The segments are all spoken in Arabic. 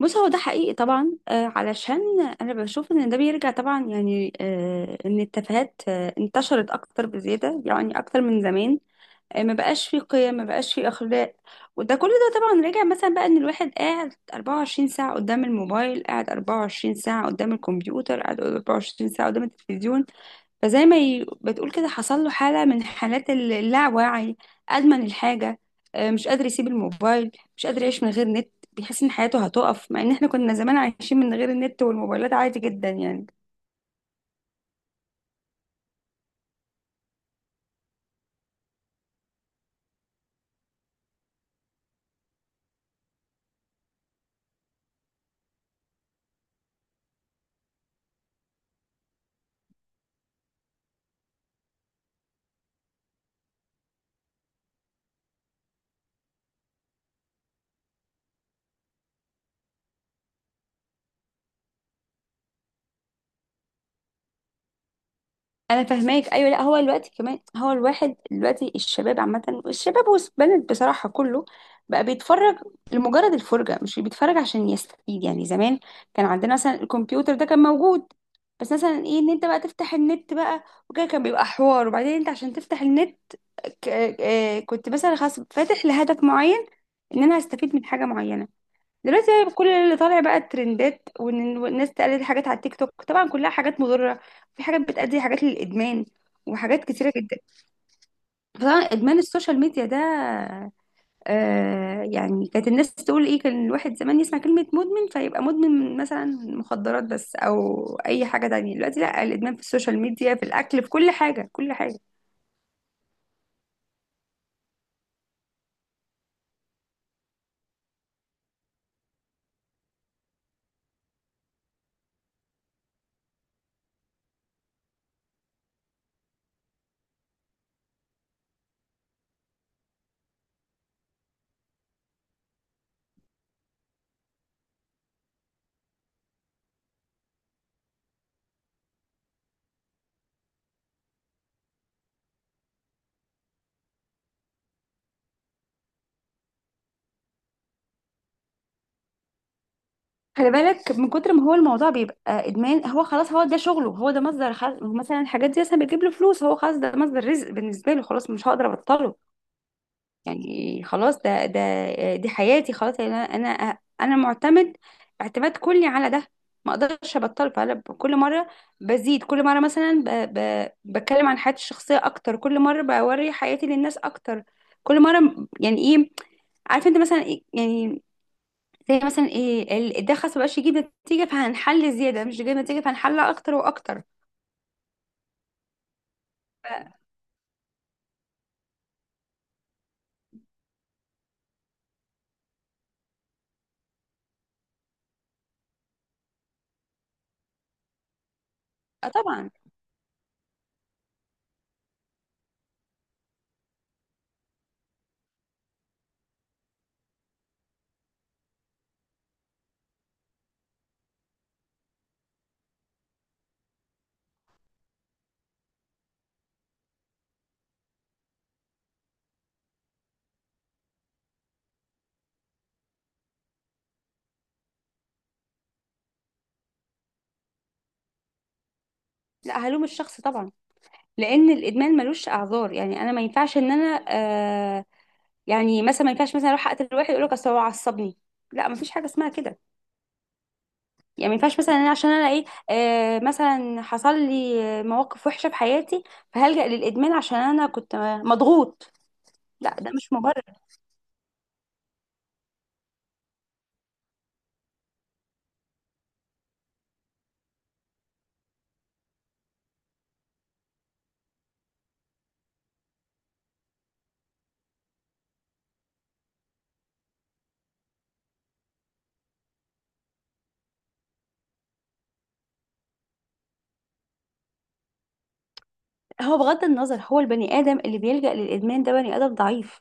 بص هو ده حقيقي طبعا. علشان انا بشوف ان ده بيرجع طبعا يعني ان التفاهات انتشرت اكتر بزياده يعني اكتر من زمان. ما بقاش في قيم، ما بقاش في اخلاق. وده كل ده طبعا راجع مثلا بقى ان الواحد قاعد 24 ساعه قدام الموبايل، قاعد 24 ساعه قدام الكمبيوتر، قاعد 24 ساعه قدام التلفزيون. فزي ما بتقول كده حصل له حالة من حالات اللاوعي، أدمن الحاجة. مش قادر يسيب الموبايل، مش قادر يعيش من غير نت، بيحس إن حياته هتقف، مع إن إحنا كنا زمان عايشين من غير النت والموبايلات عادي جدا يعني. انا فاهماك، ايوه. لا، هو دلوقتي كمان هو الواحد دلوقتي، الشباب عامه، الشباب والبنات بصراحه، كله بقى بيتفرج لمجرد الفرجه، مش بيتفرج عشان يستفيد. يعني زمان كان عندنا مثلا الكمبيوتر ده كان موجود، بس مثلا ايه، ان انت بقى تفتح النت بقى وكده، كان بيبقى حوار. وبعدين انت عشان تفتح النت كنت مثلا خلاص فاتح لهدف معين، ان انا هستفيد من حاجه معينه. دلوقتي بقى كل اللي طالع بقى الترندات، وان الناس تقلد حاجات على التيك توك، طبعا كلها حاجات مضرة. في حاجات بتأدي حاجات للإدمان، وحاجات كتيرة جدا. فطبعا إدمان السوشيال ميديا ده آه يعني، كانت الناس تقول ايه، كان الواحد زمان يسمع كلمة مدمن فيبقى مدمن مثلا مخدرات بس، او اي حاجة تانية. دلوقتي لا، الإدمان في السوشيال ميديا، في الأكل، في كل حاجة، كل حاجة. خلي بالك، من كتر ما هو الموضوع بيبقى ادمان، هو خلاص هو ده شغله، هو ده مصدر مثلا الحاجات دي مثلا بتجيب له فلوس، هو خلاص ده مصدر رزق بالنسبه له، خلاص مش هقدر ابطله. يعني خلاص ده، دي حياتي خلاص يعني، انا معتمد اعتماد كلي على ده، ما اقدرش ابطله. فانا كل مره بزيد، كل مره ب... بتكلم عن حياتي الشخصيه اكتر، كل مره بوري حياتي للناس اكتر، كل مره يعني ايه، عارف انت مثلا يعني زي مثلا ايه ده خلاص مبقاش يجيب نتيجه، فهنحل زياده، مش جايب نتيجه، فهنحلها اكتر واكتر. ف- آه طبعا. لا، هلوم الشخص طبعا، لان الادمان ملوش اعذار. يعني انا ما ينفعش ان انا يعني مثلا ما ينفعش مثلا اروح اقتل واحد اقول لك اصل هو عصبني، لا ما فيش حاجه اسمها كده. يعني ما ينفعش مثلا انا عشان انا ايه، مثلا حصل لي مواقف وحشه في حياتي فهلجأ للادمان عشان انا كنت مضغوط، لا ده مش مبرر. هو بغض النظر، هو البني ادم اللي بيلجأ للادمان ده بني ادم ضعيف،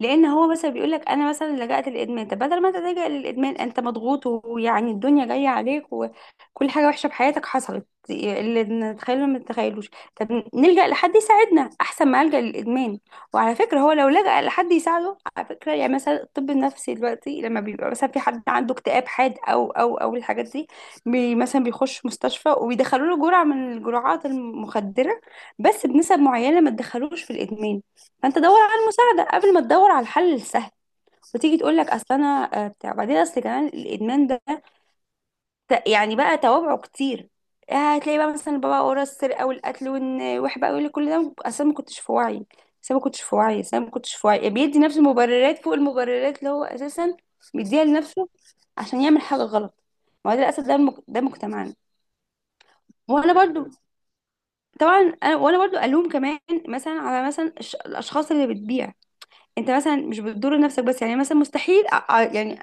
لان هو مثلا بيقول لك انا مثلا لجأت للادمان. طب بدل ما انت تلجأ للادمان، انت مضغوط ويعني الدنيا جايه عليك وكل حاجه وحشه بحياتك حصلت اللي نتخيله ما نتخيلوش، طب نلجأ لحد يساعدنا احسن ما ألجأ للادمان. وعلى فكره هو لو لجأ لحد يساعده على فكره، يعني مثلا الطب النفسي دلوقتي لما بيبقى مثلا في حد عنده اكتئاب حاد او الحاجات دي، مثلا بيخش مستشفى وبيدخلوا له جرعه من الجرعات المخدره، بس بنسب معينه ما تدخلوش في الادمان. فانت دور على المساعده قبل ما تدور على الحل السهل. وتيجي تقول لك اصل انا بتاع. بعدين اصل كمان الادمان ده يعني بقى توابعه كتير. هتلاقي بقى مثلا بابا ورا السرقه والقتل، وان واحد بقى يقول لك كل ده اصل أنا ما كنتش في وعي، اصل أنا ما كنتش في وعي اصل أنا ما كنتش في وعي. يعني بيدي نفسه مبررات فوق المبررات اللي هو اساسا بيديها لنفسه عشان يعمل حاجه غلط. ما هو ده للاسف، ده مجتمعنا. وانا برضو طبعا انا برضو الوم كمان مثلا على مثلا الاشخاص اللي بتبيع. انت مثلا مش بتضر نفسك بس، يعني مثلا مستحيل يعني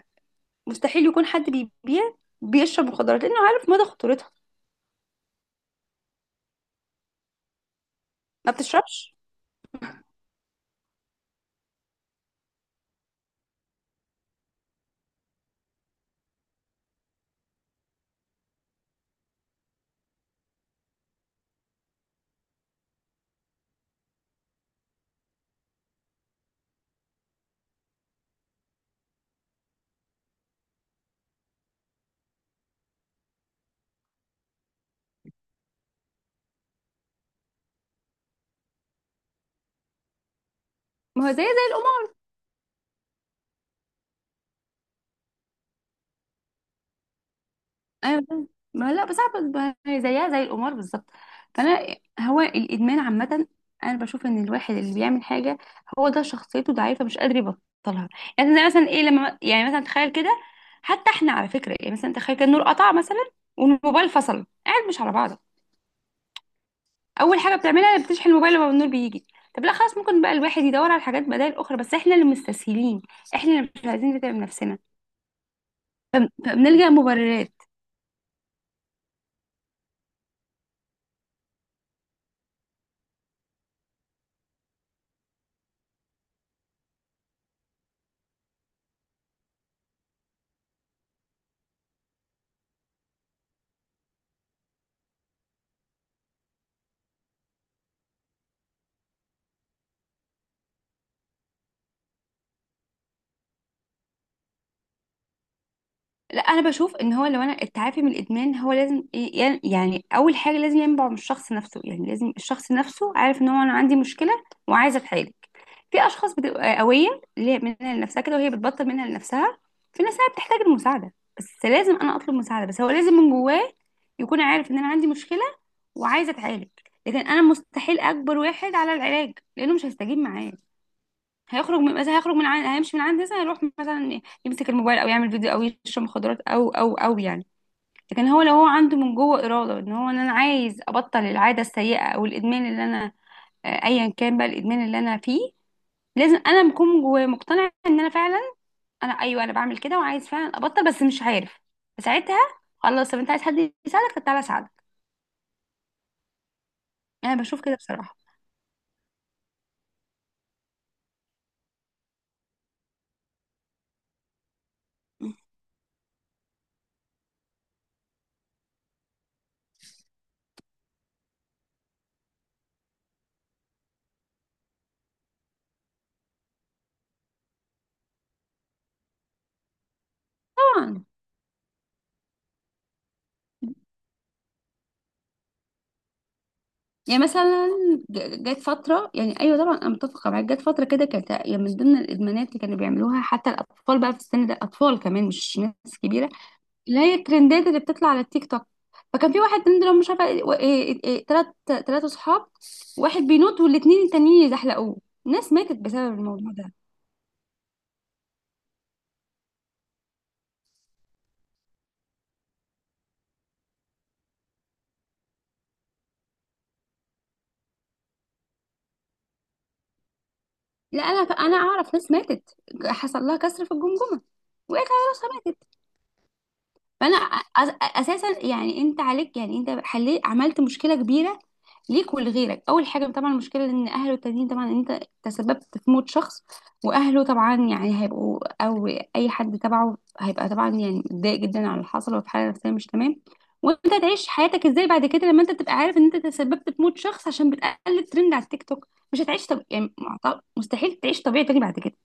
مستحيل يكون حد بيبيع بيشرب مخدرات، لانه عارف مدى خطورتها، ما بتشربش. ما هو زيها زي القمار. ايوه فاهم. ما لا بس، عارفة ما هي زيها زي القمار بالظبط. فانا هو الادمان عامه، انا بشوف ان الواحد اللي بيعمل حاجه هو ده شخصيته ضعيفه مش قادر يبطلها. يعني زي مثلا ايه، لما يعني مثلا تخيل كده، حتى احنا على فكره يعني مثلا تخيل كده، النور قطع مثلا والموبايل فصل قاعد مش على بعض، اول حاجه بتعملها بتشحن الموبايل لما النور بيجي. طب لا، خلاص ممكن بقى الواحد يدور على حاجات بدائل اخرى، بس احنا اللي مستسهلين، احنا اللي مش عايزين نتعب نفسنا فبنلجأ مبررات. لا انا بشوف ان هو، لو انا التعافي من الادمان هو لازم يعني اول حاجه لازم ينبع من الشخص نفسه، يعني لازم الشخص نفسه عارف ان هو انا عندي مشكله وعايزه اتعالج. في اشخاص بتبقى قويه اللي هي منها لنفسها كده وهي بتبطل منها لنفسها. في ناس بتحتاج المساعده، بس لازم انا اطلب مساعده، بس هو لازم من جواه يكون عارف ان انا عندي مشكله وعايزه اتعالج. لكن انا مستحيل اجبر واحد على العلاج لانه مش هيستجيب معايا، هيخرج من مثلا هيمشي من عندي، مثلا هيروح مثلا يمسك الموبايل او يعمل فيديو او يشرب مخدرات او يعني. لكن هو لو هو عنده من جوه اراده ان هو، ان انا عايز ابطل العاده السيئه او الادمان اللي انا، ايا كان بقى الادمان اللي انا فيه، لازم انا بكون جوايا مقتنعه ان انا فعلا، انا ايوه انا بعمل كده وعايز فعلا ابطل بس مش عارف. فساعتها خلاص، طب انت عايز حد يساعدك، طب تعالى اساعدك. يعني انا بشوف كده بصراحه. طبعا. يعني مثلا جت فترة، يعني أيوة طبعا أنا متفقة معاك، جت فترة كده كانت يعني من ضمن الإدمانات اللي كانوا بيعملوها حتى الأطفال بقى في السن ده، أطفال كمان مش ناس كبيرة، اللي هي الترندات اللي بتطلع على التيك توك. فكان في واحد ترند لو مش عارفة إيه- إيه- إيه، تلات تلات أصحاب واحد بينط والاتنين التانيين يزحلقوه، ناس ماتت بسبب الموضوع ده. لا أنا، أعرف ناس ماتت حصل لها كسر في الجمجمة، وقعت على راسها. اساسا يعني انت عليك، يعني انت حليت، عملت مشكله كبيره ليك ولغيرك. اول حاجه طبعا المشكله ان اهله التانيين، طبعا انت تسببت في موت شخص واهله طبعا يعني هيبقوا، او اي حد تبعه هيبقى طبعا يعني متضايق جدا على اللي حصل وفي حاله نفسيه مش تمام. وانت تعيش حياتك ازاي بعد كده لما انت تبقى عارف ان انت تسببت في موت شخص عشان بتقلد ترند على التيك توك؟ مش هتعيش. يعني مستحيل تعيش طبيعي تاني بعد كده.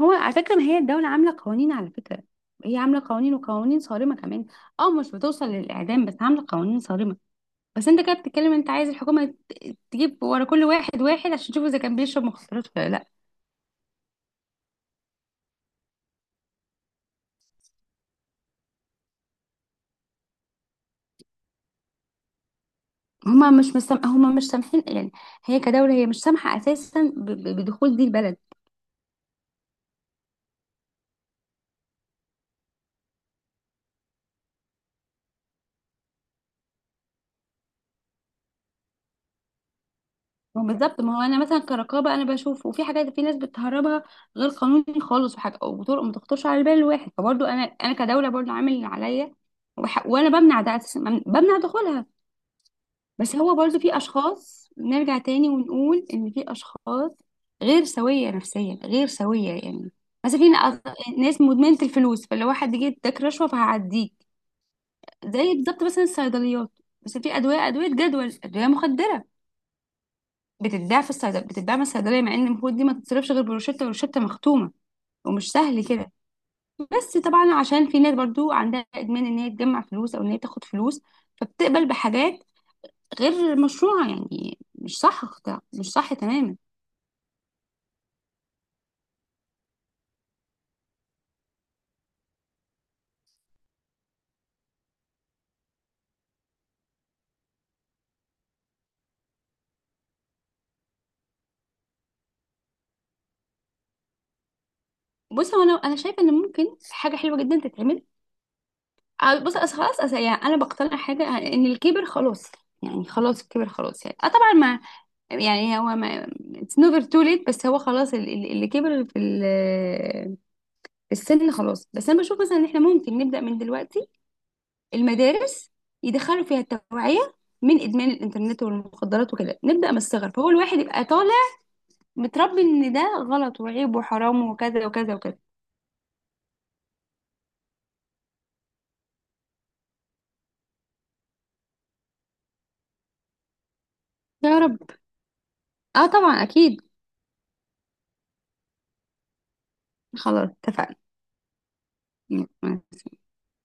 هو على فكرة ما هي الدولة عاملة قوانين على فكرة، هي عاملة قوانين وقوانين صارمة كمان. اه مش بتوصل للإعدام بس عاملة قوانين صارمة. بس انت كده بتتكلم، انت عايز الحكومة تجيب ورا كل واحد واحد عشان تشوف اذا كان بيشرب مخدرات ولا لا؟ هما مش سامحين يعني، هي كدولة هي مش سامحة اساسا بدخول دي البلد. ما هو بالظبط، ما هو انا مثلا كرقابة انا بشوف، وفي حاجات في ناس بتهربها غير قانوني خالص، وحاجة وطرق ما تخطرش على بال الواحد. فبرضه انا، انا كدولة برضه عامل اللي عليا، وانا بمنع ده اساسا، بمنع دخولها. بس هو برضو في اشخاص، نرجع تاني ونقول ان في اشخاص غير سوية نفسيا، غير سوية يعني. مثلا في ناس مدمنة الفلوس، فلو واحد جه اداك رشوة فهعديك. زي بالظبط مثلا الصيدليات، بس في ادوية، ادوية جدول، ادوية مخدرة بتتباع في الصيدلية، بتتباع من الصيدلية، مع ان المفروض دي ما تتصرفش غير بروشتة والروشتة مختومة ومش سهل كده. بس طبعا عشان في ناس برضو عندها ادمان ان هي تجمع فلوس او ان هي تاخد فلوس، فبتقبل بحاجات غير مشروعة. يعني مش صح، ده مش صح تماما. بص هو انا، انا شايفه ان ممكن حاجه حلوه جدا تتعمل. بص أصل خلاص، أصل يعني انا بقتنع حاجه ان الكبر خلاص، يعني خلاص الكبر خلاص. يعني آه طبعا ما يعني هو ما اتس نوفر تو ليت. بس هو خلاص اللي كبر في في السن خلاص. بس انا بشوف مثلا ان احنا ممكن نبدا من دلوقتي المدارس يدخلوا فيها التوعيه من ادمان الانترنت والمخدرات وكده، نبدا من الصغر فهو الواحد يبقى طالع متربي ان ده غلط وعيب وحرام وكذا وكذا وكذا. يا رب. اه طبعا اكيد. خلاص. اتفقنا.